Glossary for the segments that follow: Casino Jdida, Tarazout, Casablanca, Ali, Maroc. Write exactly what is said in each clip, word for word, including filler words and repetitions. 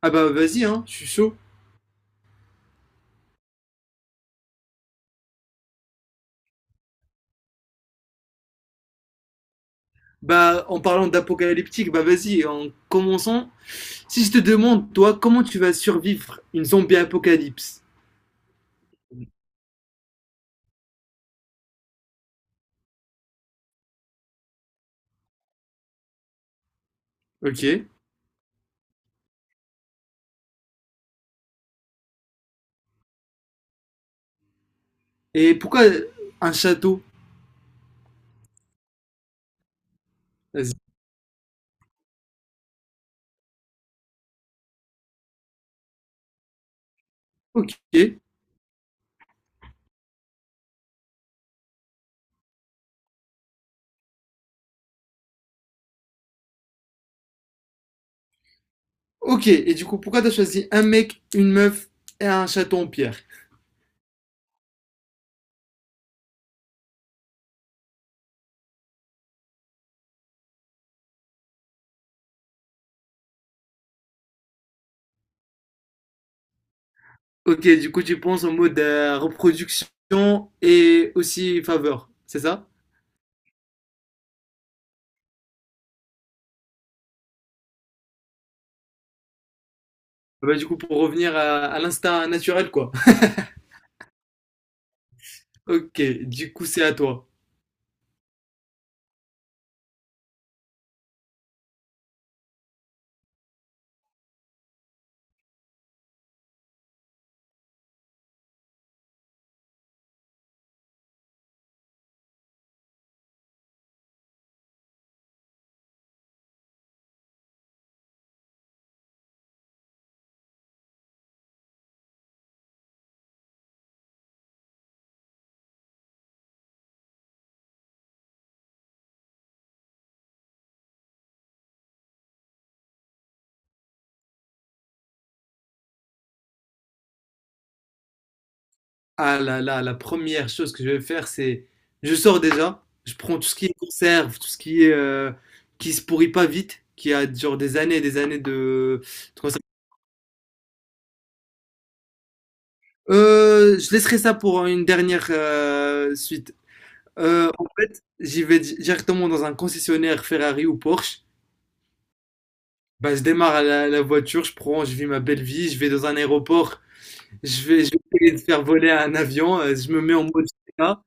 Ah bah vas-y, hein, je suis chaud. Bah en parlant d'apocalyptique, bah vas-y, en commençant, si je te demande, toi, comment tu vas survivre une zombie apocalypse? Ok. Et pourquoi un château? Vas-y. Ok. Ok. Et du coup, pourquoi t'as choisi un mec, une meuf et un château en pierre? Ok, du coup, tu penses en mode euh, reproduction et aussi faveur, c'est ça? Bah du coup, pour revenir à, à l'instinct naturel, quoi. Ok, du coup, c'est à toi. Ah là là, la première chose que je vais faire, c'est je sors déjà, je prends tout ce qui est conserve, tout ce qui est euh, qui se pourrit pas vite, qui a genre des années et des années de, de conserve. Euh, je laisserai ça pour une dernière euh, suite. Euh, en fait, j'y vais di- directement dans un concessionnaire Ferrari ou Porsche. Bah, je démarre la, la voiture, je prends, je vis ma belle vie, je vais dans un aéroport, je vais, je vais essayer de faire voler un avion, euh, je me mets en mode G T A.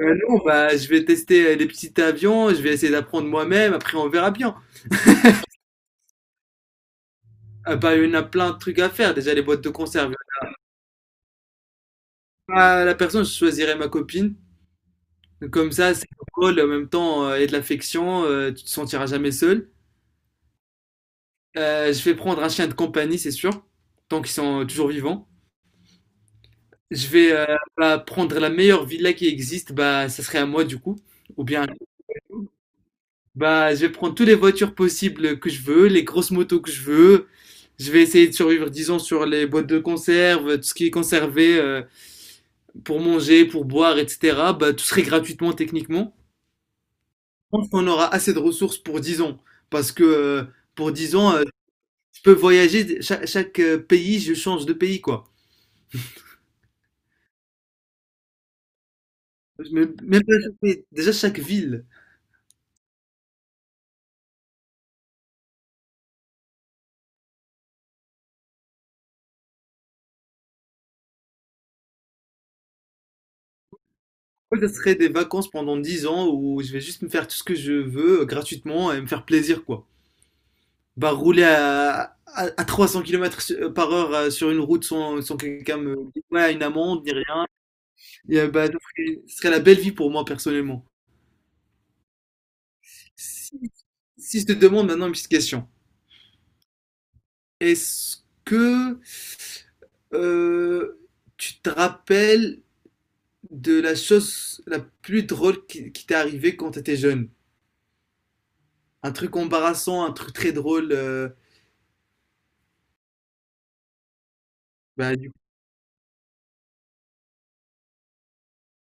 Euh, non, bah, je vais tester euh, les petits avions, je vais essayer d'apprendre moi-même, après on verra bien. Ah, bah, il y en a plein de trucs à faire, déjà les boîtes de conserve. Ah, la personne, je choisirais ma copine. Donc, Comme ça, c'est cool en même temps, euh, il y a de l'affection, euh, tu te sentiras jamais seul. Euh, je vais prendre un chien de compagnie, c'est sûr, tant qu'ils sont euh, toujours vivants. Je vais euh, bah, prendre la meilleure villa qui existe, bah, ça serait à moi du coup. Ou bien, bah, je vais prendre toutes les voitures possibles que je veux, les grosses motos que je veux, Je vais essayer de survivre, disons, sur les boîtes de conserve, tout ce qui est conservé euh, pour manger, pour boire, et cetera. Bah, tout serait gratuitement techniquement. Je pense qu'on aura assez de ressources pour dix ans. Parce que euh, pour dix ans, euh, je peux voyager, chaque, chaque, euh, pays, je change de pays, quoi. Je me- Même pas chaque pays, déjà chaque ville. Moi, Ce serait des vacances pendant dix ans où je vais juste me faire tout ce que je veux euh, gratuitement et me faire plaisir, quoi. Bah, rouler à, à, à trois cents kilomètres par heure euh, sur une route sans, sans que quelqu'un me dise ouais, une amende ni rien, et, euh, bah, ce serait- ce serait la belle vie pour moi personnellement. Si, si je te demande maintenant une petite question, est-ce que euh, tu te rappelles de la chose la plus drôle qui, qui t'est arrivée quand t'étais jeune? Un truc embarrassant, un truc très drôle. Euh, bah, du coup,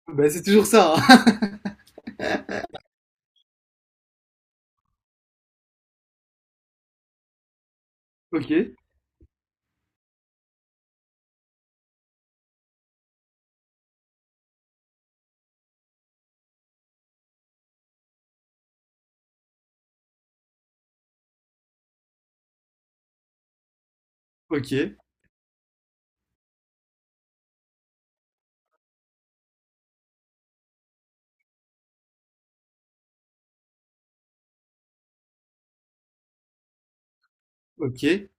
bah, c'est toujours ça. hein. Ok, ok, ok.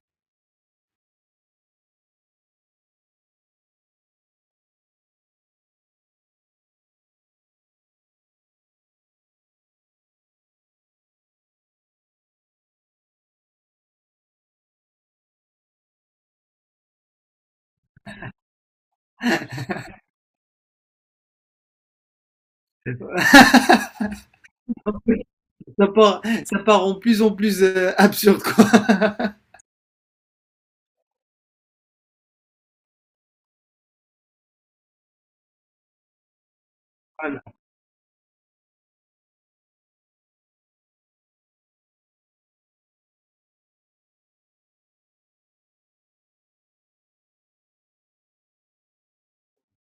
ça part, ça part en plus en plus euh, absurde, quoi. Voilà.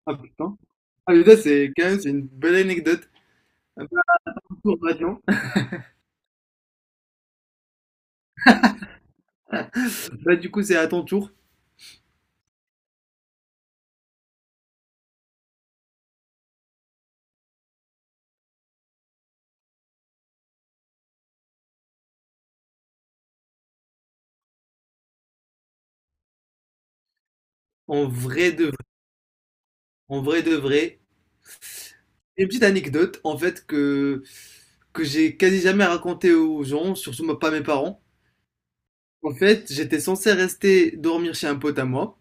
Ah putain. Ah mais ça c'est quand même c'est une belle anecdote. Un peu un tour maintenant. Bah, du coup, c'est à ton tour. En vrai de vrai. En vrai de vrai. Une petite anecdote, en fait, que, que j'ai quasi jamais racontée aux gens, surtout moi- pas mes parents. En fait, j'étais censé rester dormir chez un pote à moi.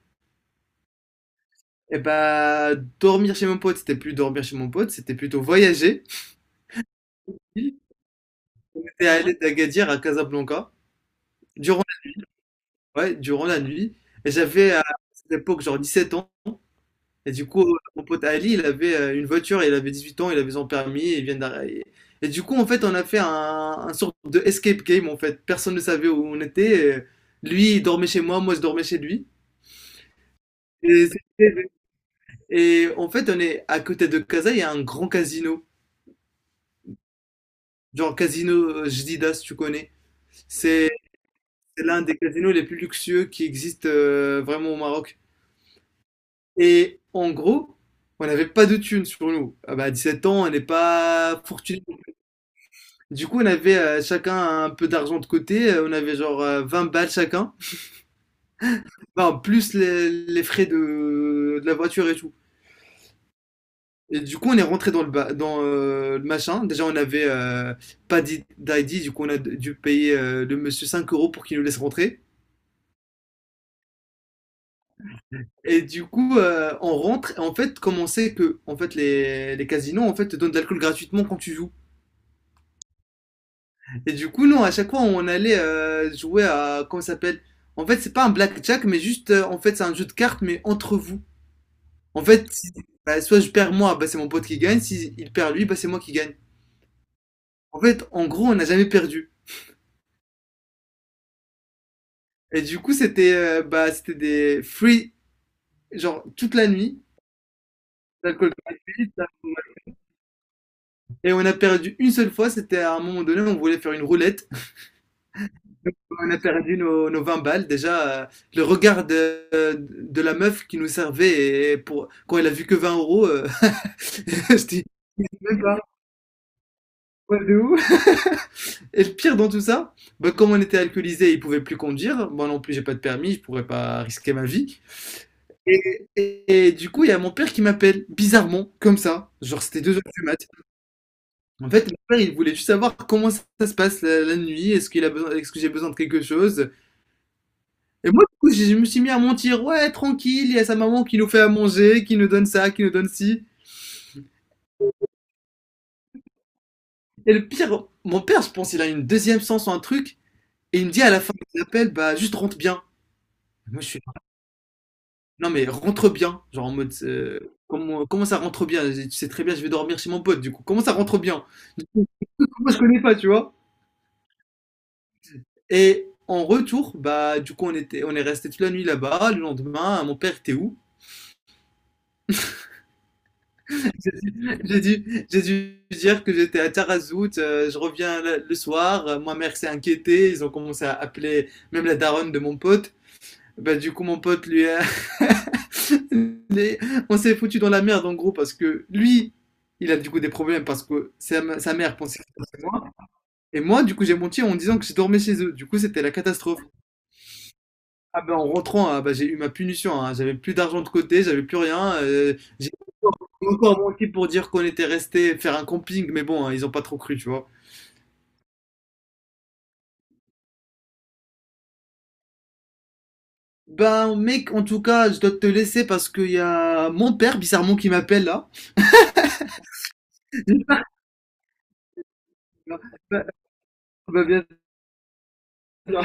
Et bah, dormir chez mon pote, c'était plus dormir chez mon pote, c'était plutôt voyager. J'étais allé d'Agadir à Casablanca. Durant Ouais, durant la nuit. Et j'avais, euh, à cette époque, genre 17 ans. Et du coup, euh, mon pote Ali, il avait euh, une voiture, il avait 18 ans, il avait son permis, et il vient d'arriver. Et du coup, en fait, on a fait un, un sorte de escape game, en fait. Personne ne savait où on était. euh, Lui, il dormait chez moi, moi, je dormais chez lui. Et, c'était- et en fait, on est à côté de Casa, il y a un grand casino. Genre Casino euh, Jdida, si tu connais. C'est c'est l'un des casinos les plus luxueux qui existent euh, vraiment au Maroc. Et en gros, on n'avait pas de thunes sur nous. Ah bah, à 17 ans, on n'est pas fortuné. Du coup, on avait euh, chacun un peu d'argent de côté. Euh, On avait genre euh, 20 balles chacun. Enfin, plus les, les frais de, de la voiture et tout. Et du coup, on est rentré dans le, ba- dans, euh, le machin. Déjà, on avait euh, pas d'i- d'I D. Du coup, on a dû payer euh, le monsieur cinq euros pour qu'il nous laisse rentrer. Et du coup, euh, on rentre. Et en fait, comme on sait que en fait, les, les casinos en fait, te donnent de l'alcool gratuitement quand tu joues. Et du coup, non, à chaque fois, on allait euh, jouer à. Comment ça s'appelle? En fait, c'est pas un blackjack, mais juste. euh, en fait, c'est un jeu de cartes, mais entre vous. En fait, si- bah, soit je perds moi, bah, c'est mon pote qui gagne. Si il perd lui, bah, c'est moi qui gagne. En fait, en gros, on n'a jamais perdu. Et du coup, c'était euh, bah, c'était des free, genre toute la nuit, d'alcool gratuit. Et on a perdu une seule fois, c'était à un moment donné, on voulait faire une roulette. On a perdu nos, nos 20 balles. Déjà, euh, le regard de, de la meuf qui nous servait et pour, quand elle a vu que vingt euros, euh, je dis, même pas. Ouais, de où? Et le pire dans tout ça, bah, comme on était alcoolisé, il pouvait plus conduire. Moi non plus, j'ai pas de permis, je pourrais pas risquer ma vie. Et, et- et du coup, il y a mon père qui m'appelle, bizarrement, comme ça. Genre, c'était deux heures du mat. En fait, mon père, il voulait juste savoir comment ça se passe la, la nuit. Est-ce qu'il a besoin, est-ce que j'ai besoin de quelque chose? Et moi, du coup, je je me suis mis à mentir. Ouais, tranquille, il y a sa maman qui nous fait à manger, qui nous donne ça, qui nous donne ci. Et le pire, mon père, je pense, il a une deuxième sens ou un truc. Et il me dit à la fin de l'appel, bah, juste rentre bien. Moi, je suis là, non, mais rentre bien. Genre en mode, euh, comment, comment ça rentre bien? Tu sais très bien, je vais dormir chez mon pote, du coup. Comment ça rentre bien? Du coup, Moi, je connais pas, tu vois. Et en retour, bah, du coup, on était, on est resté toute la nuit là-bas. Le lendemain, mon père était où? J'ai dû, j'ai dû dire que j'étais à Tarazout, euh, je reviens le, le soir, euh, ma mère s'est inquiétée, ils ont commencé à appeler même la daronne de mon pote. Bah, du coup, mon pote, lui, a- les- on s'est foutu dans la merde en gros parce que lui, il a du coup des problèmes parce que sa, m- sa mère pensait que c'était moi. Et moi, du coup, j'ai menti en disant que je dormais chez eux. Du coup, c'était la catastrophe. Ah ben, en rentrant, ah, bah, j'ai eu ma punition. hein. J'avais plus d'argent de côté, j'avais plus rien. euh, j'ai encore j'ai encore menti pour dire qu'on était resté faire un camping, mais bon, hein, ils ont pas trop cru, tu vois. Ben mec, en tout cas, je dois te laisser parce qu'il y a mon père bizarrement qui m'appelle là. Bah, bah, bien sûr.